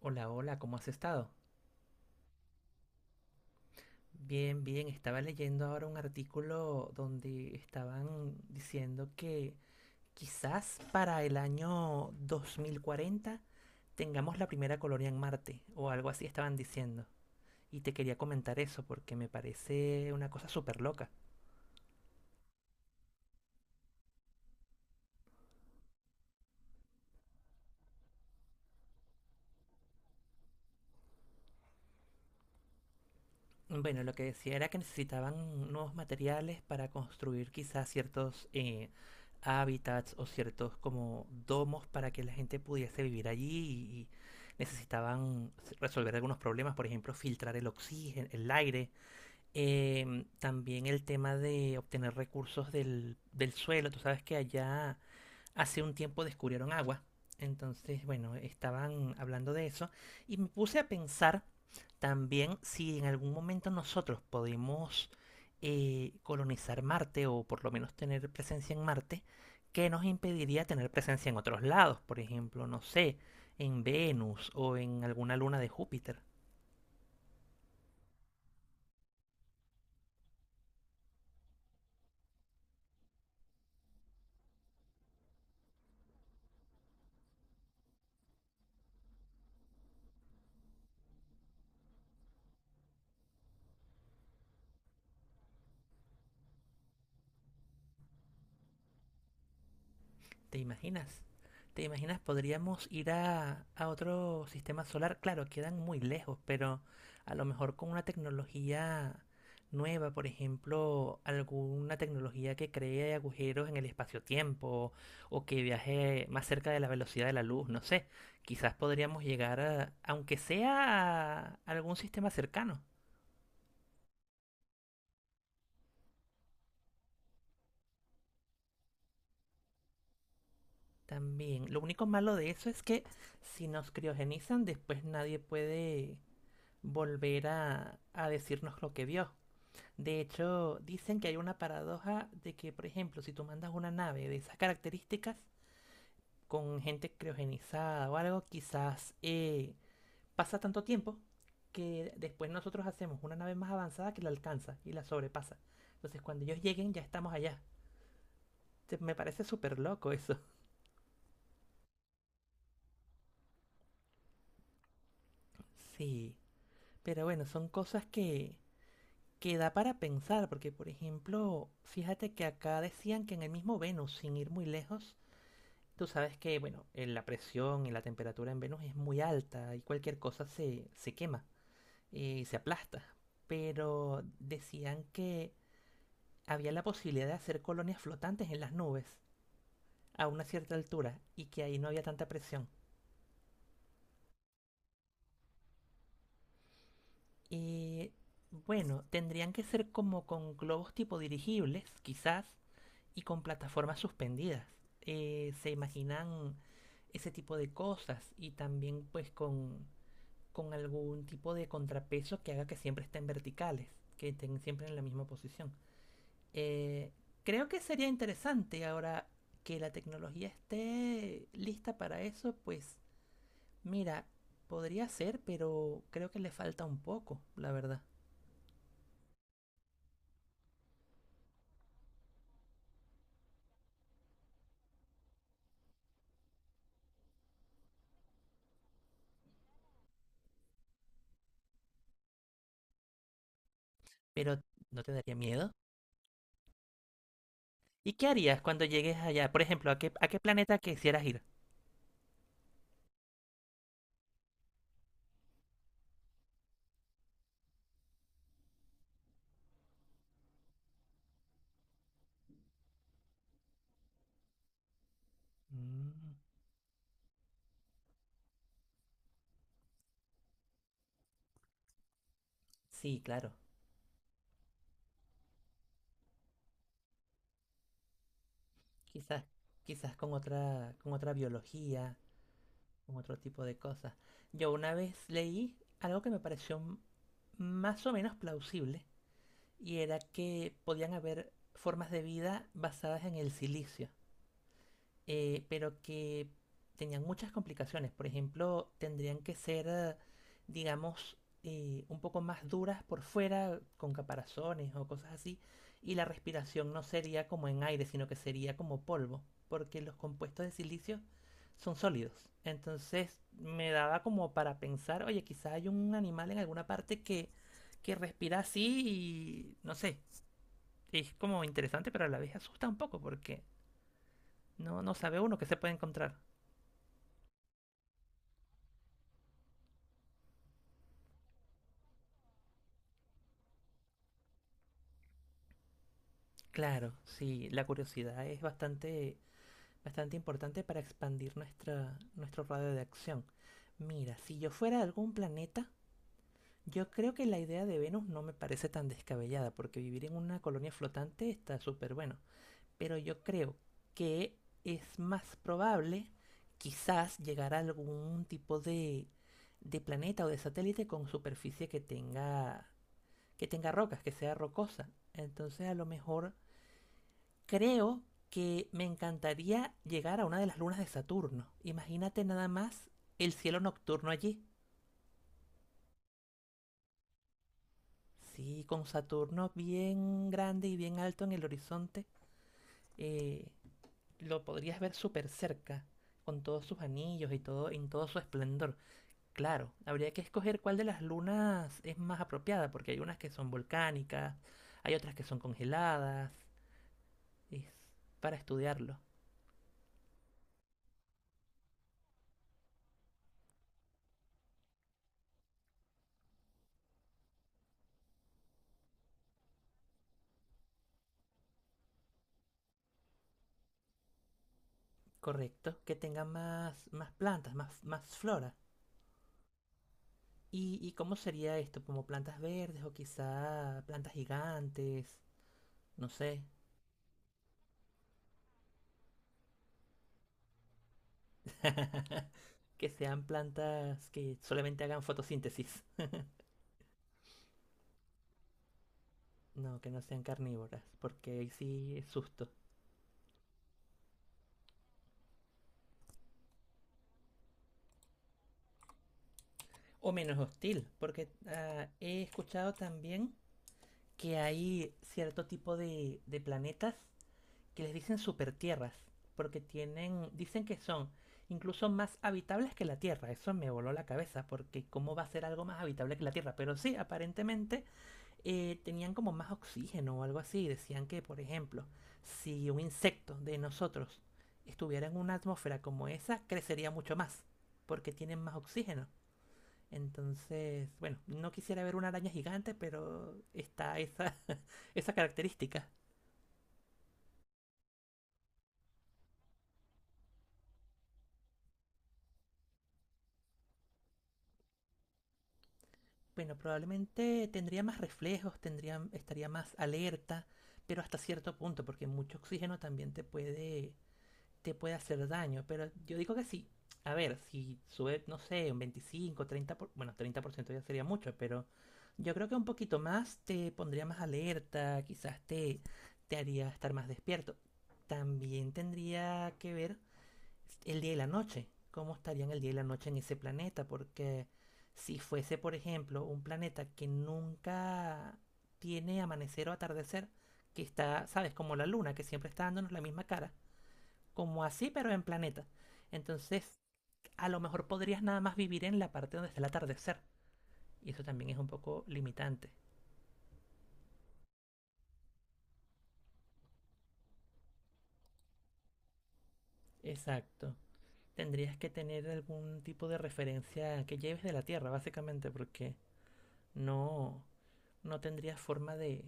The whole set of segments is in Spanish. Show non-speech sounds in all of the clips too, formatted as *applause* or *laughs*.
Hola, hola, ¿cómo has estado? Bien, bien, estaba leyendo ahora un artículo donde estaban diciendo que quizás para el año 2040 tengamos la primera colonia en Marte o algo así estaban diciendo. Y te quería comentar eso porque me parece una cosa súper loca. Bueno, lo que decía era que necesitaban nuevos materiales para construir quizás ciertos hábitats o ciertos como domos para que la gente pudiese vivir allí y necesitaban resolver algunos problemas, por ejemplo, filtrar el oxígeno, el aire. También el tema de obtener recursos del suelo. Tú sabes que allá hace un tiempo descubrieron agua. Entonces, bueno, estaban hablando de eso y me puse a pensar también si en algún momento nosotros podemos colonizar Marte o por lo menos tener presencia en Marte. ¿Qué nos impediría tener presencia en otros lados? Por ejemplo, no sé, en Venus o en alguna luna de Júpiter. ¿Te imaginas? ¿Te imaginas? Podríamos ir a otro sistema solar. Claro, quedan muy lejos, pero a lo mejor con una tecnología nueva, por ejemplo, alguna tecnología que cree agujeros en el espacio-tiempo o que viaje más cerca de la velocidad de la luz, no sé. Quizás podríamos llegar aunque sea a algún sistema cercano. También, lo único malo de eso es que si nos criogenizan, después nadie puede volver a decirnos lo que vio. De hecho, dicen que hay una paradoja de que, por ejemplo, si tú mandas una nave de esas características con gente criogenizada o algo, quizás pasa tanto tiempo que después nosotros hacemos una nave más avanzada que la alcanza y la sobrepasa. Entonces, cuando ellos lleguen, ya estamos allá. Me parece súper loco eso. *laughs* Sí, pero bueno, son cosas que da para pensar, porque por ejemplo, fíjate que acá decían que en el mismo Venus, sin ir muy lejos, tú sabes que, bueno, la presión y la temperatura en Venus es muy alta y cualquier cosa se quema y se aplasta. Pero decían que había la posibilidad de hacer colonias flotantes en las nubes a una cierta altura y que ahí no había tanta presión. Y bueno, tendrían que ser como con globos tipo dirigibles, quizás, y con plataformas suspendidas. Se imaginan ese tipo de cosas y también pues con algún tipo de contrapeso que haga que siempre estén verticales, que estén siempre en la misma posición. Eh, Creo que sería interesante ahora que la tecnología esté lista para eso, pues mira, podría ser, pero creo que le falta un poco, la verdad. Pero ¿no te daría miedo? ¿Y qué harías cuando llegues allá? Por ejemplo, ¿a qué planeta quisieras ir? Mm. Sí, claro. Quizás, quizás con otra biología, con otro tipo de cosas. Yo una vez leí algo que me pareció más o menos plausible, y era que podían haber formas de vida basadas en el silicio. Pero que tenían muchas complicaciones. Por ejemplo, tendrían que ser, digamos, un poco más duras por fuera, con caparazones o cosas así, y la respiración no sería como en aire, sino que sería como polvo, porque los compuestos de silicio son sólidos. Entonces me daba como para pensar, oye, quizá hay un animal en alguna parte que respira así y no sé, es como interesante, pero a la vez asusta un poco porque no, no sabe uno qué se puede encontrar. Claro, sí, la curiosidad es bastante, bastante importante para expandir nuestro radio de acción. Mira, si yo fuera de algún planeta, yo creo que la idea de Venus no me parece tan descabellada, porque vivir en una colonia flotante está súper bueno. Pero yo creo que es más probable quizás llegar a algún tipo de planeta o de satélite con superficie que tenga rocas, que sea rocosa. Entonces a lo mejor creo que me encantaría llegar a una de las lunas de Saturno. Imagínate nada más el cielo nocturno allí. Sí, con Saturno bien grande y bien alto en el horizonte, eh, lo podrías ver súper cerca, con todos sus anillos y todo, en todo su esplendor. Claro, habría que escoger cuál de las lunas es más apropiada, porque hay unas que son volcánicas, hay otras que son congeladas. Es para estudiarlo. Correcto, que tenga más, más, plantas, más flora. ¿Y cómo sería esto? ¿Como plantas verdes o quizá plantas gigantes? No sé. *laughs* Que sean plantas que solamente hagan fotosíntesis. No, que no sean carnívoras, porque ahí sí es susto. O menos hostil, porque ah, he escuchado también que hay cierto tipo de planetas que les dicen super tierras, porque tienen, dicen que son incluso más habitables que la Tierra. Eso me voló la cabeza, porque ¿cómo va a ser algo más habitable que la Tierra? Pero sí, aparentemente tenían como más oxígeno o algo así. Decían que, por ejemplo, si un insecto de nosotros estuviera en una atmósfera como esa, crecería mucho más, porque tienen más oxígeno. Entonces, bueno, no quisiera ver una araña gigante, pero está esa, *laughs* esa característica. Bueno, probablemente tendría más reflejos, tendría, estaría más alerta, pero hasta cierto punto, porque mucho oxígeno también te puede hacer daño. Pero yo digo que sí. A ver, si sube, no sé, un 25, bueno, 30% ya sería mucho, pero yo creo que un poquito más te pondría más alerta, quizás te haría estar más despierto. También tendría que ver el día y la noche. ¿Cómo estarían el día y la noche en ese planeta? Porque si fuese, por ejemplo, un planeta que nunca tiene amanecer o atardecer, que está, ¿sabes? Como la luna, que siempre está dándonos la misma cara. Como así, pero en planeta. Entonces, a lo mejor podrías nada más vivir en la parte donde está el atardecer. Y eso también es un poco limitante. Exacto. Tendrías que tener algún tipo de referencia que lleves de la Tierra, básicamente, porque no, no tendrías forma de,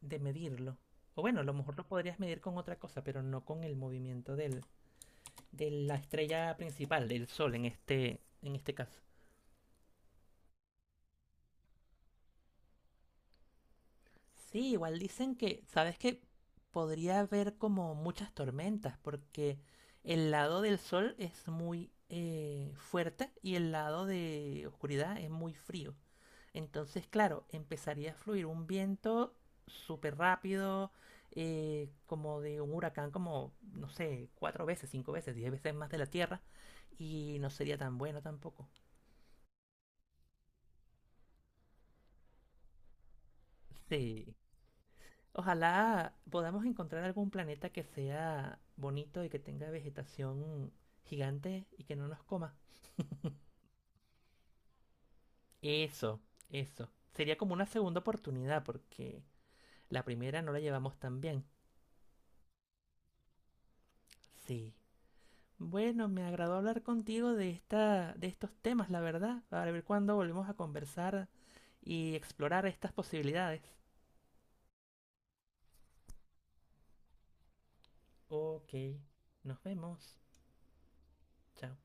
de medirlo. O bueno, a lo mejor lo podrías medir con otra cosa, pero no con el movimiento de la estrella principal, del Sol en este caso. Sí, igual dicen que, ¿sabes qué? Podría haber como muchas tormentas porque el lado del sol es muy fuerte y el lado de oscuridad es muy frío. Entonces, claro, empezaría a fluir un viento súper rápido, como de un huracán, como, no sé, cuatro veces, cinco veces, 10 veces más de la Tierra y no sería tan bueno tampoco. Sí. Ojalá podamos encontrar algún planeta que sea bonito y que tenga vegetación gigante y que no nos coma. Eso, eso. Sería como una segunda oportunidad porque la primera no la llevamos tan bien. Sí. Bueno, me agradó hablar contigo de estos temas, la verdad, para ver cuándo volvemos a conversar y explorar estas posibilidades. Ok, nos vemos. Chao.